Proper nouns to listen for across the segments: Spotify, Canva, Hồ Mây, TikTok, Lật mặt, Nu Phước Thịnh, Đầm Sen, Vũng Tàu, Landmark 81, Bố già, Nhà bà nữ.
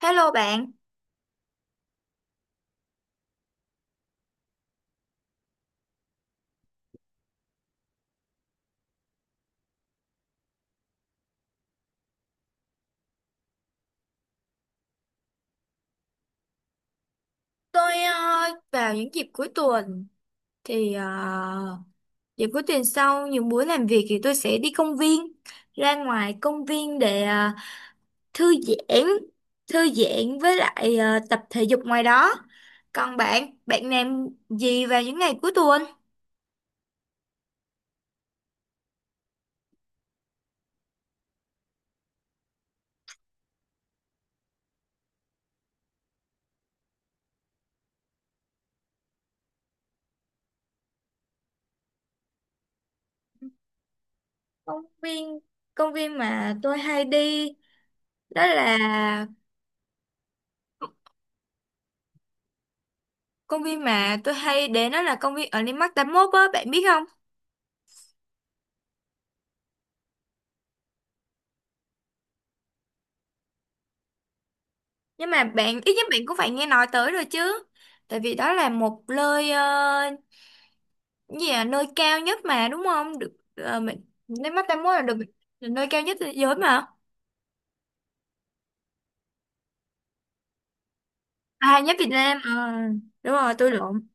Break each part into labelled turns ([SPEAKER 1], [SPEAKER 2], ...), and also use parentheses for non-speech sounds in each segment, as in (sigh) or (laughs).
[SPEAKER 1] Hello bạn, tôi vào những dịp cuối tuần thì dịp cuối tuần sau những buổi làm việc thì tôi sẽ đi công viên, ra ngoài công viên để thư giãn, thư giãn với lại tập thể dục ngoài đó. Còn bạn, bạn làm gì vào những ngày cuối tuần? Công viên, công viên mà tôi hay đi đó là công viên mà tôi hay đến đó là công viên ở Landmark 81 á, bạn biết không? Nhưng mà bạn ít nhất bạn cũng phải nghe nói tới rồi chứ, tại vì đó là một nơi cái gì à, nơi cao nhất mà đúng không, được mình nếu mắt ta muốn là được là nơi cao nhất thế giới mà. À, nhất Việt Nam. Ờ, Đúng rồi, tôi lộn.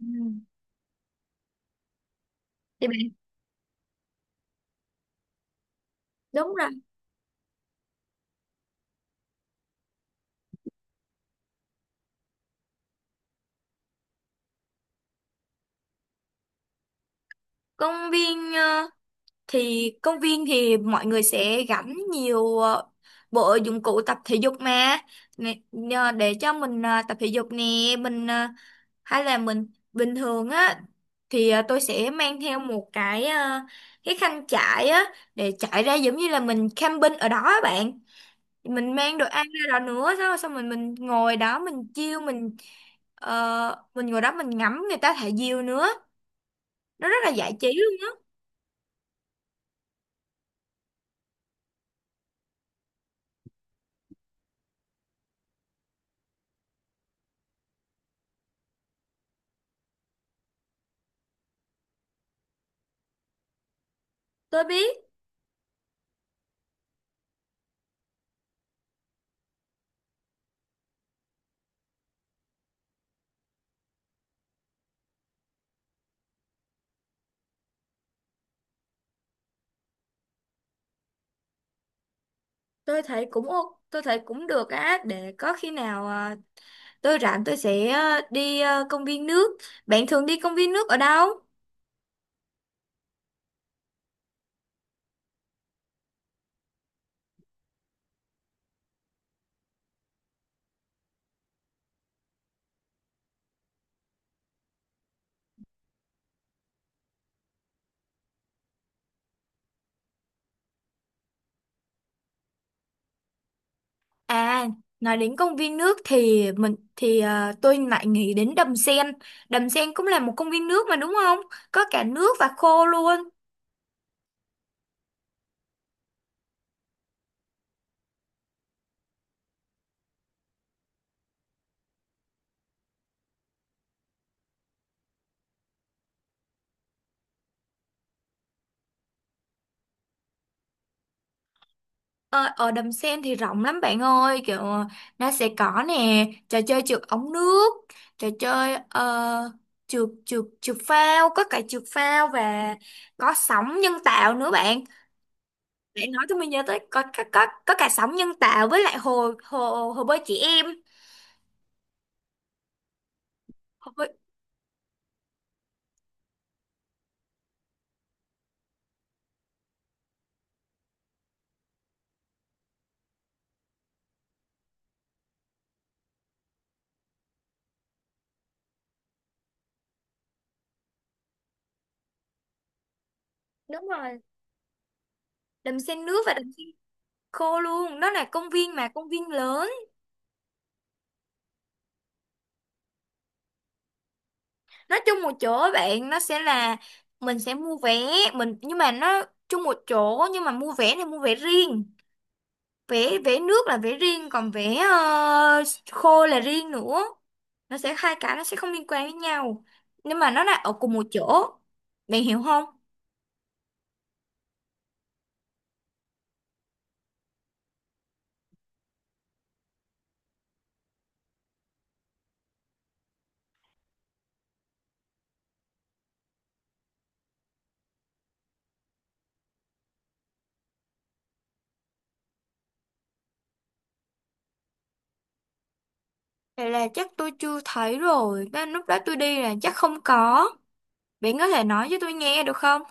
[SPEAKER 1] Ừ. Thì bạn, đúng rồi. Công viên thì công viên thì mọi người sẽ gắn nhiều bộ dụng cụ tập thể dục mà. Nè, nhờ để cho mình tập thể dục nè, mình hay là mình bình thường á thì tôi sẽ mang theo một cái, cái khăn trải á, để trải ra giống như là mình camping ở đó á bạn. Mình mang đồ ăn ra đó nữa, xong xong mình ngồi đó, mình chiêu mình, mình ngồi đó mình ngắm người ta thả diều nữa, nó rất là giải trí luôn á. Tôi biết. Tôi thấy cũng tôi thấy cũng được á. Để có khi nào tôi rảnh tôi sẽ đi công viên nước. Bạn thường đi công viên nước ở đâu? À, nói đến công viên nước thì tôi lại nghĩ đến Đầm Sen. Đầm Sen cũng là một công viên nước mà đúng không? Có cả nước và khô luôn. Ờ, ở Đầm Sen thì rộng lắm bạn ơi, kiểu nó sẽ có nè, trò chơi trượt ống nước, trò chơi trượt trượt trượt phao, có cả trượt phao và có sóng nhân tạo nữa bạn. Để nói tôi mới nhớ tới, có cả sóng nhân tạo với lại hồ hồ hồ bơi trẻ em. Hồ bơi, đúng rồi, đầm sen nước và đầm sen khô luôn, đó là công viên, công viên lớn. Nó chung một chỗ á bạn, nó sẽ là mình sẽ mua vé, nhưng mà nó chung một chỗ nhưng mà mua vé thì mua vé riêng, vé vé nước là vé riêng, còn vé khô là riêng nữa, nó sẽ hai cái, nó sẽ không liên quan với nhau, nhưng mà nó là ở cùng một chỗ. Bạn hiểu không? Vậy là chắc tôi chưa thấy rồi đó, lúc đó tôi đi là chắc không có. Bạn có thể nói cho tôi nghe được không?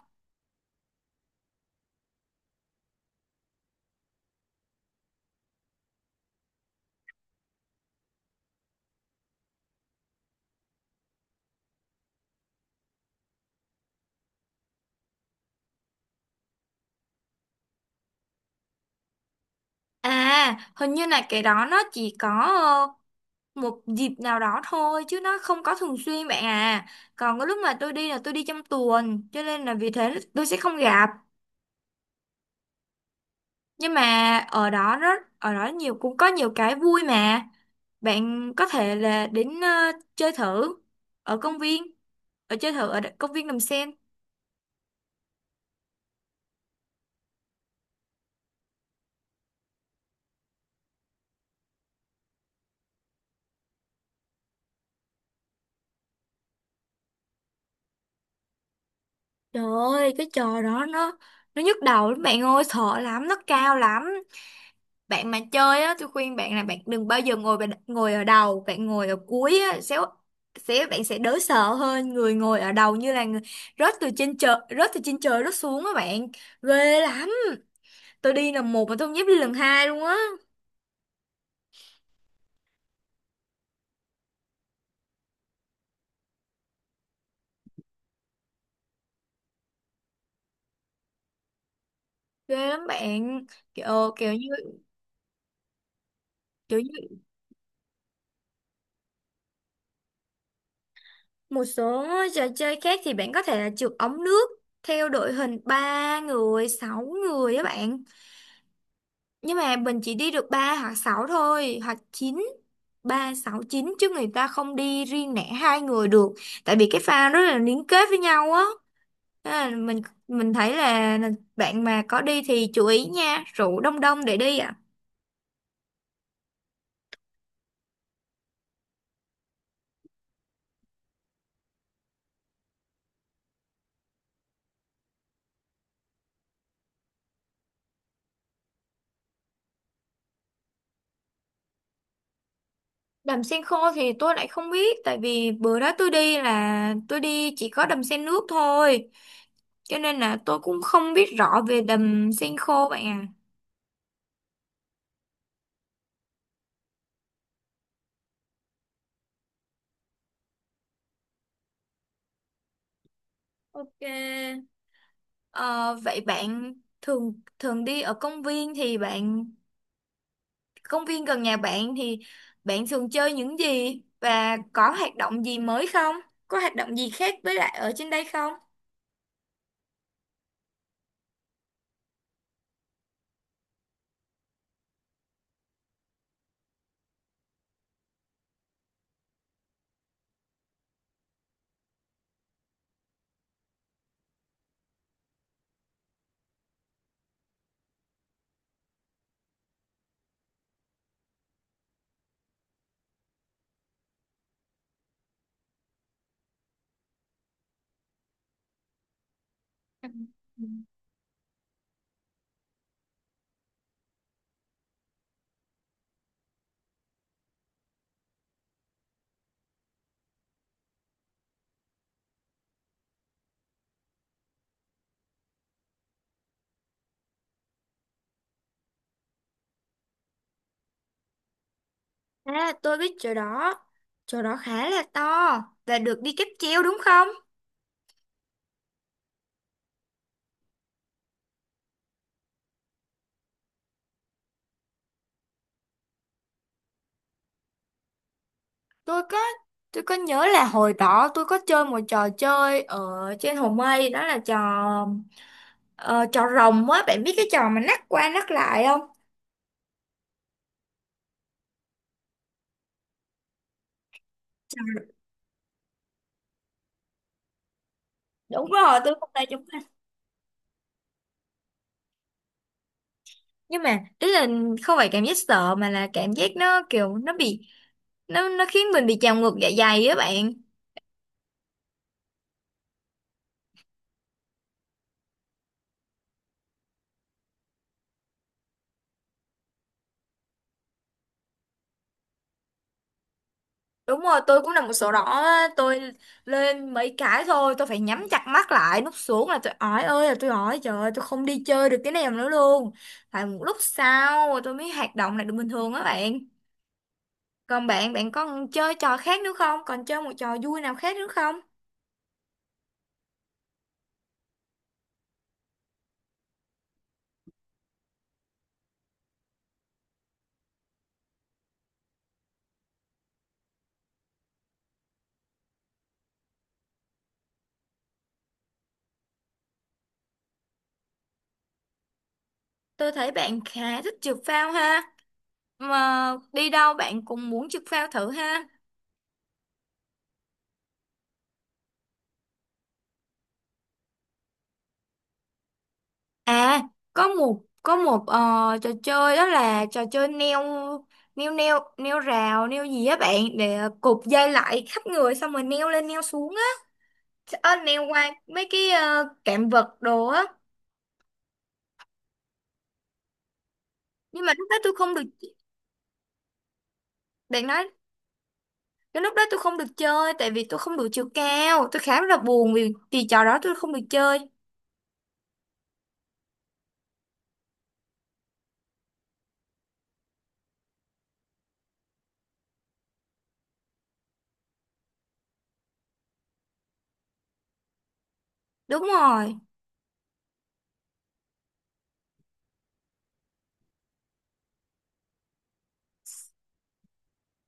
[SPEAKER 1] À, hình như là cái đó nó chỉ có một dịp nào đó thôi chứ nó không có thường xuyên bạn à. Còn cái lúc mà tôi đi là tôi đi trong tuần, cho nên là vì thế tôi sẽ không gặp. Nhưng mà ở đó rất, ở đó nhiều, cũng có nhiều cái vui mà. Bạn có thể là đến chơi thử ở công viên, ở chơi thử ở đ- công viên Đầm Sen. Trời ơi, cái trò đó nó, nhức đầu lắm bạn ơi, sợ lắm, nó cao lắm. Bạn mà chơi á, tôi khuyên bạn là bạn đừng bao giờ ngồi ngồi ở đầu, bạn ngồi ở cuối á sẽ, bạn sẽ đỡ sợ hơn. Người ngồi ở đầu như là người rớt từ trên trời, rớt xuống á bạn, ghê lắm. Tôi đi lần một mà tôi không dám đi lần hai luôn á. Ghê lắm bạn, kiểu kiểu như, kiểu như một số trò chơi khác thì bạn có thể là trượt ống nước theo đội hình ba người sáu người á bạn. Nhưng mà mình chỉ đi được 3 hoặc 6 thôi, hoặc chín, 3 6 chín, chứ người ta không đi riêng lẻ hai người được. Tại vì cái pha rất là liên kết với nhau á. Thế là mình thấy là bạn mà có đi thì chú ý nha, rượu đông đông để đi ạ. Đầm sen khô thì tôi lại không biết, tại vì bữa đó tôi đi là tôi đi chỉ có đầm sen nước thôi. Cho nên là tôi cũng không biết rõ về đầm sen khô bạn à. Ok. Ờ, vậy bạn thường thường đi ở công viên, thì bạn, công viên gần nhà bạn thì bạn thường chơi những gì và có hoạt động gì mới không? Có hoạt động gì khác với lại ở trên đây không? (laughs) Ừ. À, tôi biết chỗ đó. Chỗ đó khá là to và được đi cáp treo đúng không? Tôi có tôi có nhớ là hồi đó tôi có chơi một trò chơi ở trên Hồ Mây, đó là trò ờ, trò rồng á, bạn biết cái trò mà nắc qua nắc lại không? Đúng rồi, tôi không tay chúng anh. Nhưng mà ý là không phải cảm giác sợ, mà là cảm giác nó kiểu nó bị, nó khiến mình bị trào ngược dạ dày á bạn. Đúng rồi, tôi cũng là một sổ đỏ á, tôi lên mấy cái thôi tôi phải nhắm chặt mắt lại, nút xuống là tôi ói, ơi là tôi ói, trời ơi, tôi không đi chơi được cái nào nữa luôn. Phải một lúc sau tôi mới hoạt động lại được bình thường á bạn. Còn bạn, bạn có chơi trò khác nữa không, còn chơi một trò vui nào khác nữa không? Tôi thấy bạn khá thích trượt phao ha. Mà đi đâu bạn cũng muốn trượt phao thử ha. À, có một trò chơi, đó là trò chơi neo, neo rào, neo gì á bạn, để cột dây lại khắp người xong rồi neo lên neo xuống á. Ờ, neo qua mấy cái cạm vật đồ á. Nhưng mà lúc đó tôi không được, bạn nói. Cái lúc đó tôi không được chơi, tại vì tôi không đủ chiều cao. Tôi khá là buồn vì vì trò đó tôi không được chơi. Đúng rồi.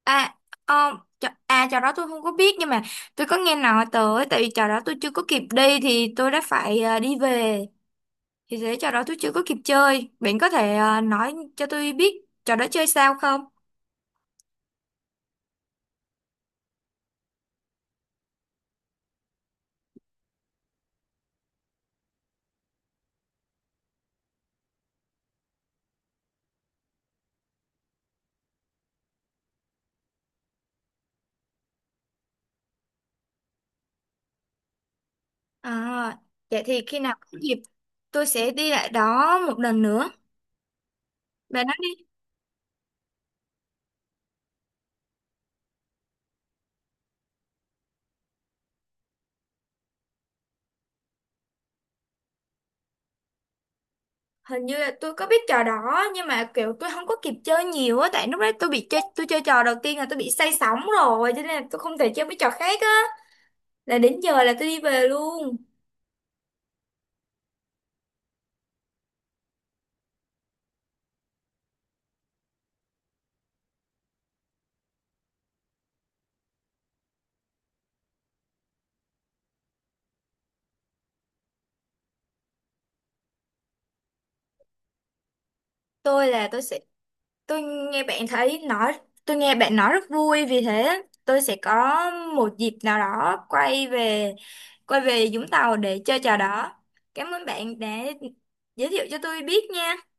[SPEAKER 1] À, trò đó tôi không có biết, nhưng mà tôi có nghe nói tới. Tại vì trò đó tôi chưa có kịp đi thì tôi đã phải đi về, thì thế trò đó tôi chưa có kịp chơi. Bạn có thể nói cho tôi biết trò đó chơi sao không? À, vậy thì khi nào có dịp tôi sẽ đi lại đó một lần nữa. Bạn nói đi. Hình như là tôi có biết trò đó, nhưng mà kiểu tôi không có kịp chơi nhiều á, tại lúc đấy tôi bị chơi, tôi chơi trò đầu tiên là tôi bị say sóng rồi, cho nên là tôi không thể chơi mấy trò khác á, là đến giờ là tôi đi về luôn. tôi là tôi sẽ tôi nghe bạn nói, rất vui, vì thế tôi sẽ có một dịp nào đó quay về, Vũng Tàu để chơi trò đó. Cảm ơn bạn đã giới thiệu cho tôi biết nha.